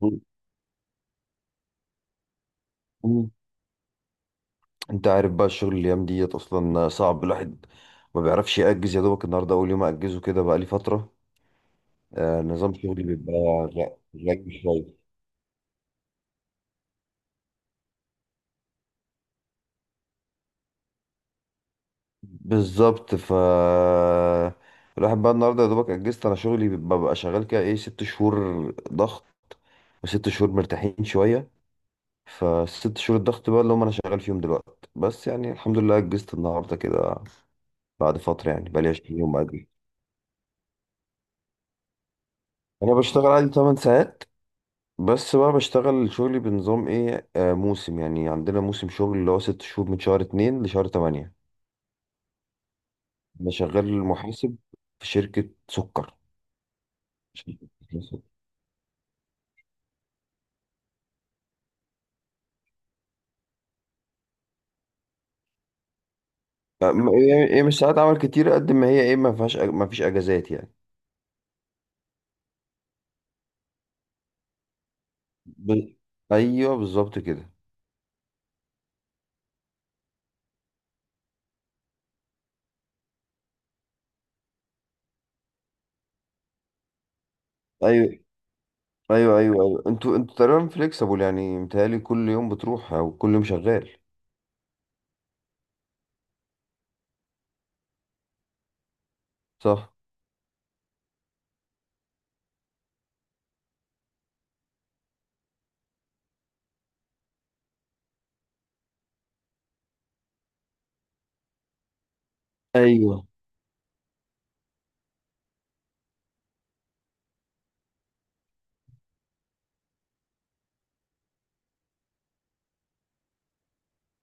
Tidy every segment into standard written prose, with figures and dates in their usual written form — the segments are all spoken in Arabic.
مم. مم. انت عارف بقى الشغل الايام ديت اصلا صعب. الواحد ما بيعرفش يأجز، يا دوبك النهارده اول يوم اجزه كده، بقى لي فتره. نظام شغلي بيبقى. لا لا، شويه. بالظبط. ف الواحد بقى، النهارده يا دوبك اجزت. انا شغلي ببقى شغال كده ايه، 6 شهور ضغط، وست شهور مرتاحين شويه. فست شهور الضغط بقى اللي هم انا شغال فيهم دلوقتي، بس يعني الحمد لله اجزت النهارده كده بعد فتره. يعني بقى لي 20 يوم اجل. انا بشتغل عادي 8 ساعات، بس بقى بشتغل شغلي بنظام ايه، موسم. يعني عندنا موسم شغل اللي هو 6 شهور، من شهر 2 لشهر تمانية. انا شغال محاسب في شركة سكر. هي مش ساعات عمل كتير قد ما هي ايه، ما فيهاش ما فيش اجازات يعني. ب... ايوه بالظبط كده. ايوه ايوه ايوه ايوه، انتوا تقريبا فليكسبل. يعني متهيألي كل يوم بتروح او كل يوم شغال. صح. ايوه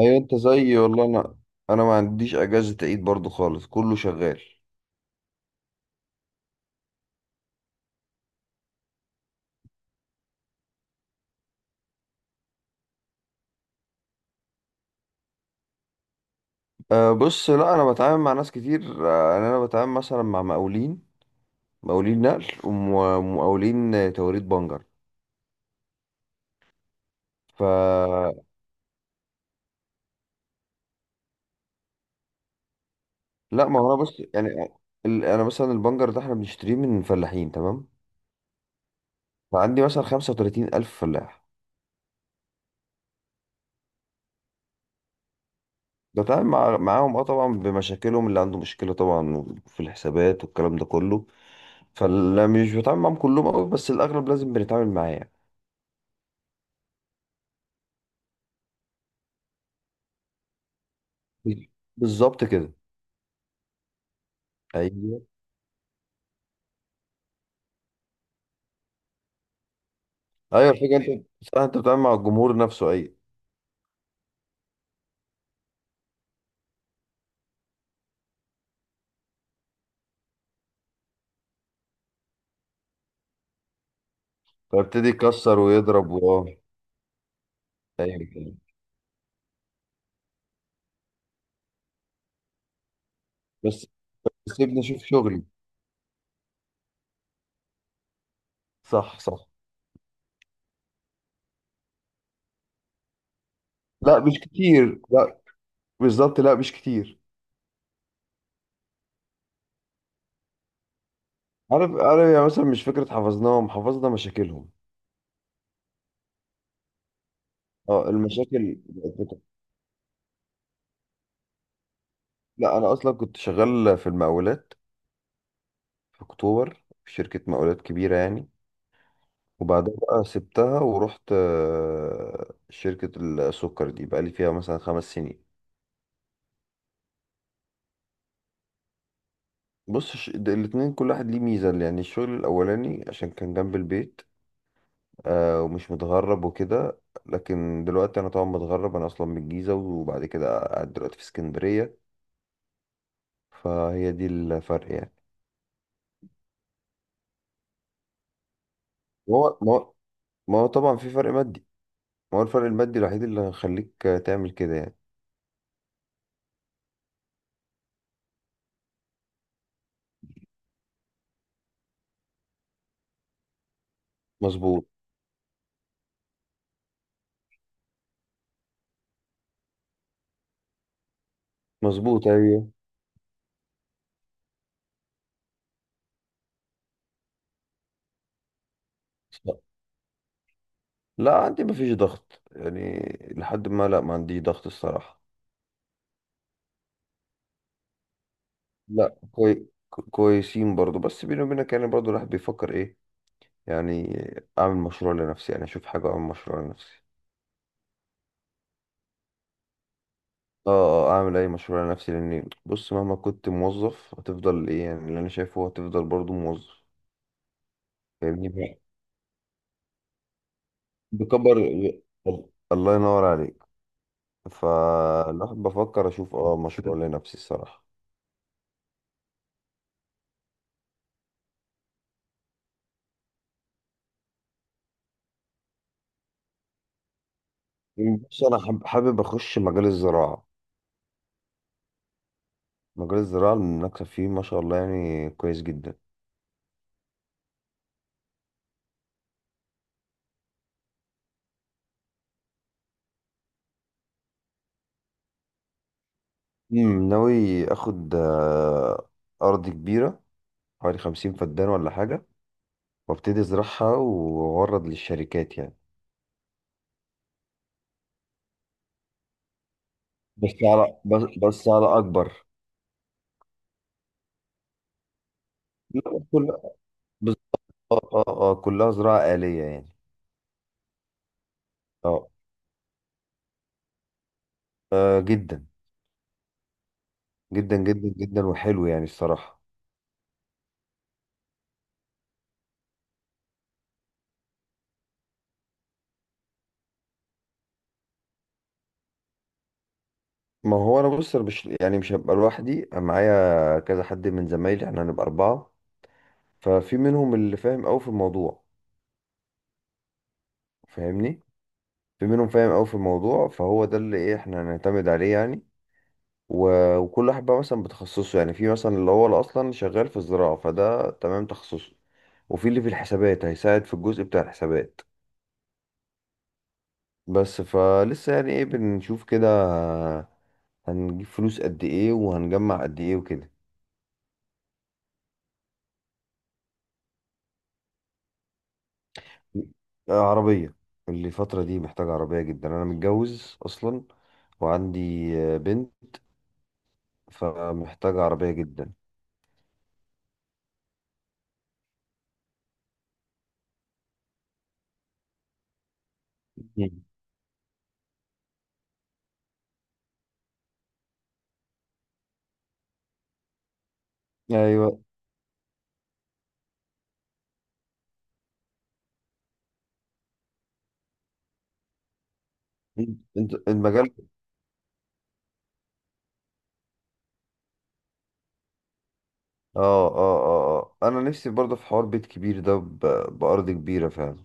ايوه، انت زيي والله. انا ما عنديش اجازة عيد برضو خالص، كله شغال. أه بص، لا انا بتعامل مع ناس كتير. أه يعني انا بتعامل مثلا مع مقاولين، مقاولين نقل، ومقاولين توريد بنجر. ف لا ما هو انا بص يعني، انا مثلا البنجر ده احنا بنشتريه من فلاحين تمام. فعندي مثلا 35 الف فلاح. معاهم اه طبعا، بمشاكلهم. اللي عنده مشكلة طبعا في الحسابات والكلام ده كله. فلا مش بتعامل معاهم كلهم أوي، بس الاغلب لازم بنتعامل معاه يعني. بالظبط كده. ايوه ايوه، الفكرة انت صح، انت بتتعامل مع الجمهور نفسه. ايوه. فابتدي يكسر ويضرب ايوه كده. بس بس سيبني اشوف شغلي. صح صح. لا مش كتير، لا. بالظبط، لا مش كتير. عارف عارف. يعني مثلا مش فكره حفظناهم، حفظنا مشاكلهم. اه، المشاكل لا انا اصلا كنت شغال في المقاولات، في اكتوبر، في شركه مقاولات كبيره يعني. وبعدها بقى سبتها ورحت شركه السكر دي، بقى لي فيها مثلا 5 سنين. بص الاتنين كل واحد ليه ميزه. يعني الشغل الاولاني عشان كان جنب البيت، ومش متغرب وكده. لكن دلوقتي انا طبعا متغرب، انا اصلا من الجيزه، وبعد كده قاعد دلوقتي في اسكندريه. فهي دي الفرق يعني. ما هو ما هو ما هو طبعا في فرق مادي. ما هو الفرق المادي الوحيد اللي هيخليك تعمل كده يعني. مظبوط. مظبوط، ايوه. صح. لا عندي مفيش ضغط يعني، لحد ما، لا ما عنديش ضغط الصراحه. لا كويسين برضو، بس بيني وبينك يعني برضو الواحد بيفكر ايه يعني، اعمل مشروع لنفسي، يعني اشوف حاجه، اعمل مشروع لنفسي. اه. اعمل اي مشروع لنفسي، لان بص مهما كنت موظف هتفضل ايه يعني، اللي انا شايفه هو هتفضل برضو موظف. فاهمني. بكبر. الله ينور عليك. فالواحد بفكر اشوف مشروع لنفسي الصراحه. بص انا حابب اخش مجال الزراعه. مجال الزراعه المنافسه فيه ما شاء الله يعني، كويس جدا. ناوي اخد ارض كبيره، حوالي 50 فدان ولا حاجه. وابتدي ازرعها واورد للشركات يعني. بس على اكبر. لا كلها. بس اه اه اه كلها زراعة آلية يعني. اه. جدا. جدا جدا جدا، وحلو يعني الصراحة. ما هو انا بص، أنا مش يعني مش هبقى لوحدي. أنا معايا كذا حد من زمايلي، احنا هنبقى اربعة. ففي منهم اللي فاهم قوي في الموضوع. فاهمني، في منهم فاهم قوي في الموضوع، فهو ده اللي ايه احنا هنعتمد عليه يعني. وكل واحد بقى مثلا بتخصصه، يعني في مثلا اللي هو اللي اصلا شغال في الزراعة، فده تمام تخصصه. وفي اللي في الحسابات هيساعد في الجزء بتاع الحسابات. بس فلسه يعني ايه، بنشوف كده هنجيب فلوس قد ايه وهنجمع قد ايه وكده. عربية. الفترة دي محتاجة عربية جدا، أنا متجوز أصلا وعندي بنت. فمحتاجة عربية جدا. مم. أيوة. أنت المجال، اه انا نفسي برضه في حوار بيت كبير ده بأرض كبيرة فعلا.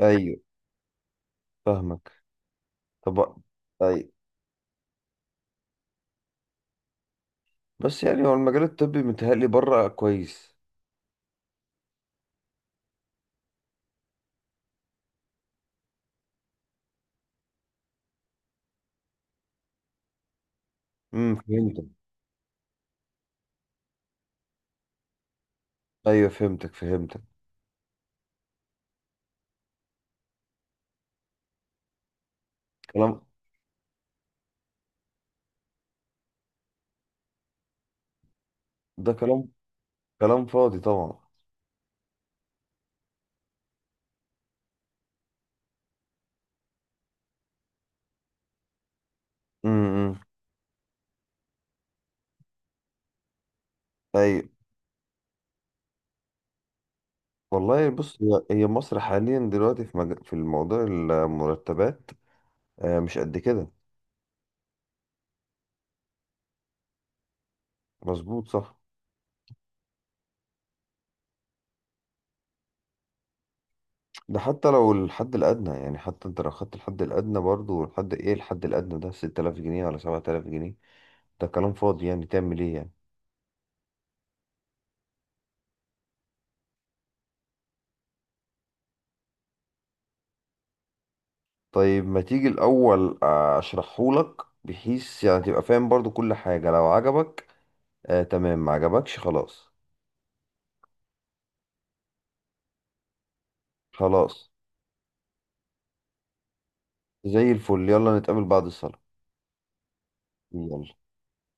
ايوه فاهمك. طب ايوه، بس يعني هو المجال الطبي متهيألي بره كويس. فهمتك. ايوه فهمتك فهمتك. كلام. ده كلام، كلام فاضي طبعا. امم. امم. ايوه والله، بص هي مصر حاليا دلوقتي في الموضوع المرتبات مش قد كده. مظبوط صح. ده حتى لو الحد الأدنى يعني، حتى انت لو خدت الحد الأدنى برضو، الحد ايه الحد الأدنى ده 6000 جنيه ولا 7000 جنيه. ده كلام فاضي يعني، تعمل ايه يعني. طيب ما تيجي الأول أشرحهولك، بحيث يعني تبقى فاهم برضو كل حاجة. لو عجبك آه تمام، ما عجبكش خلاص. خلاص. زي الفل، يلا نتقابل بعد الصلاة. يلا.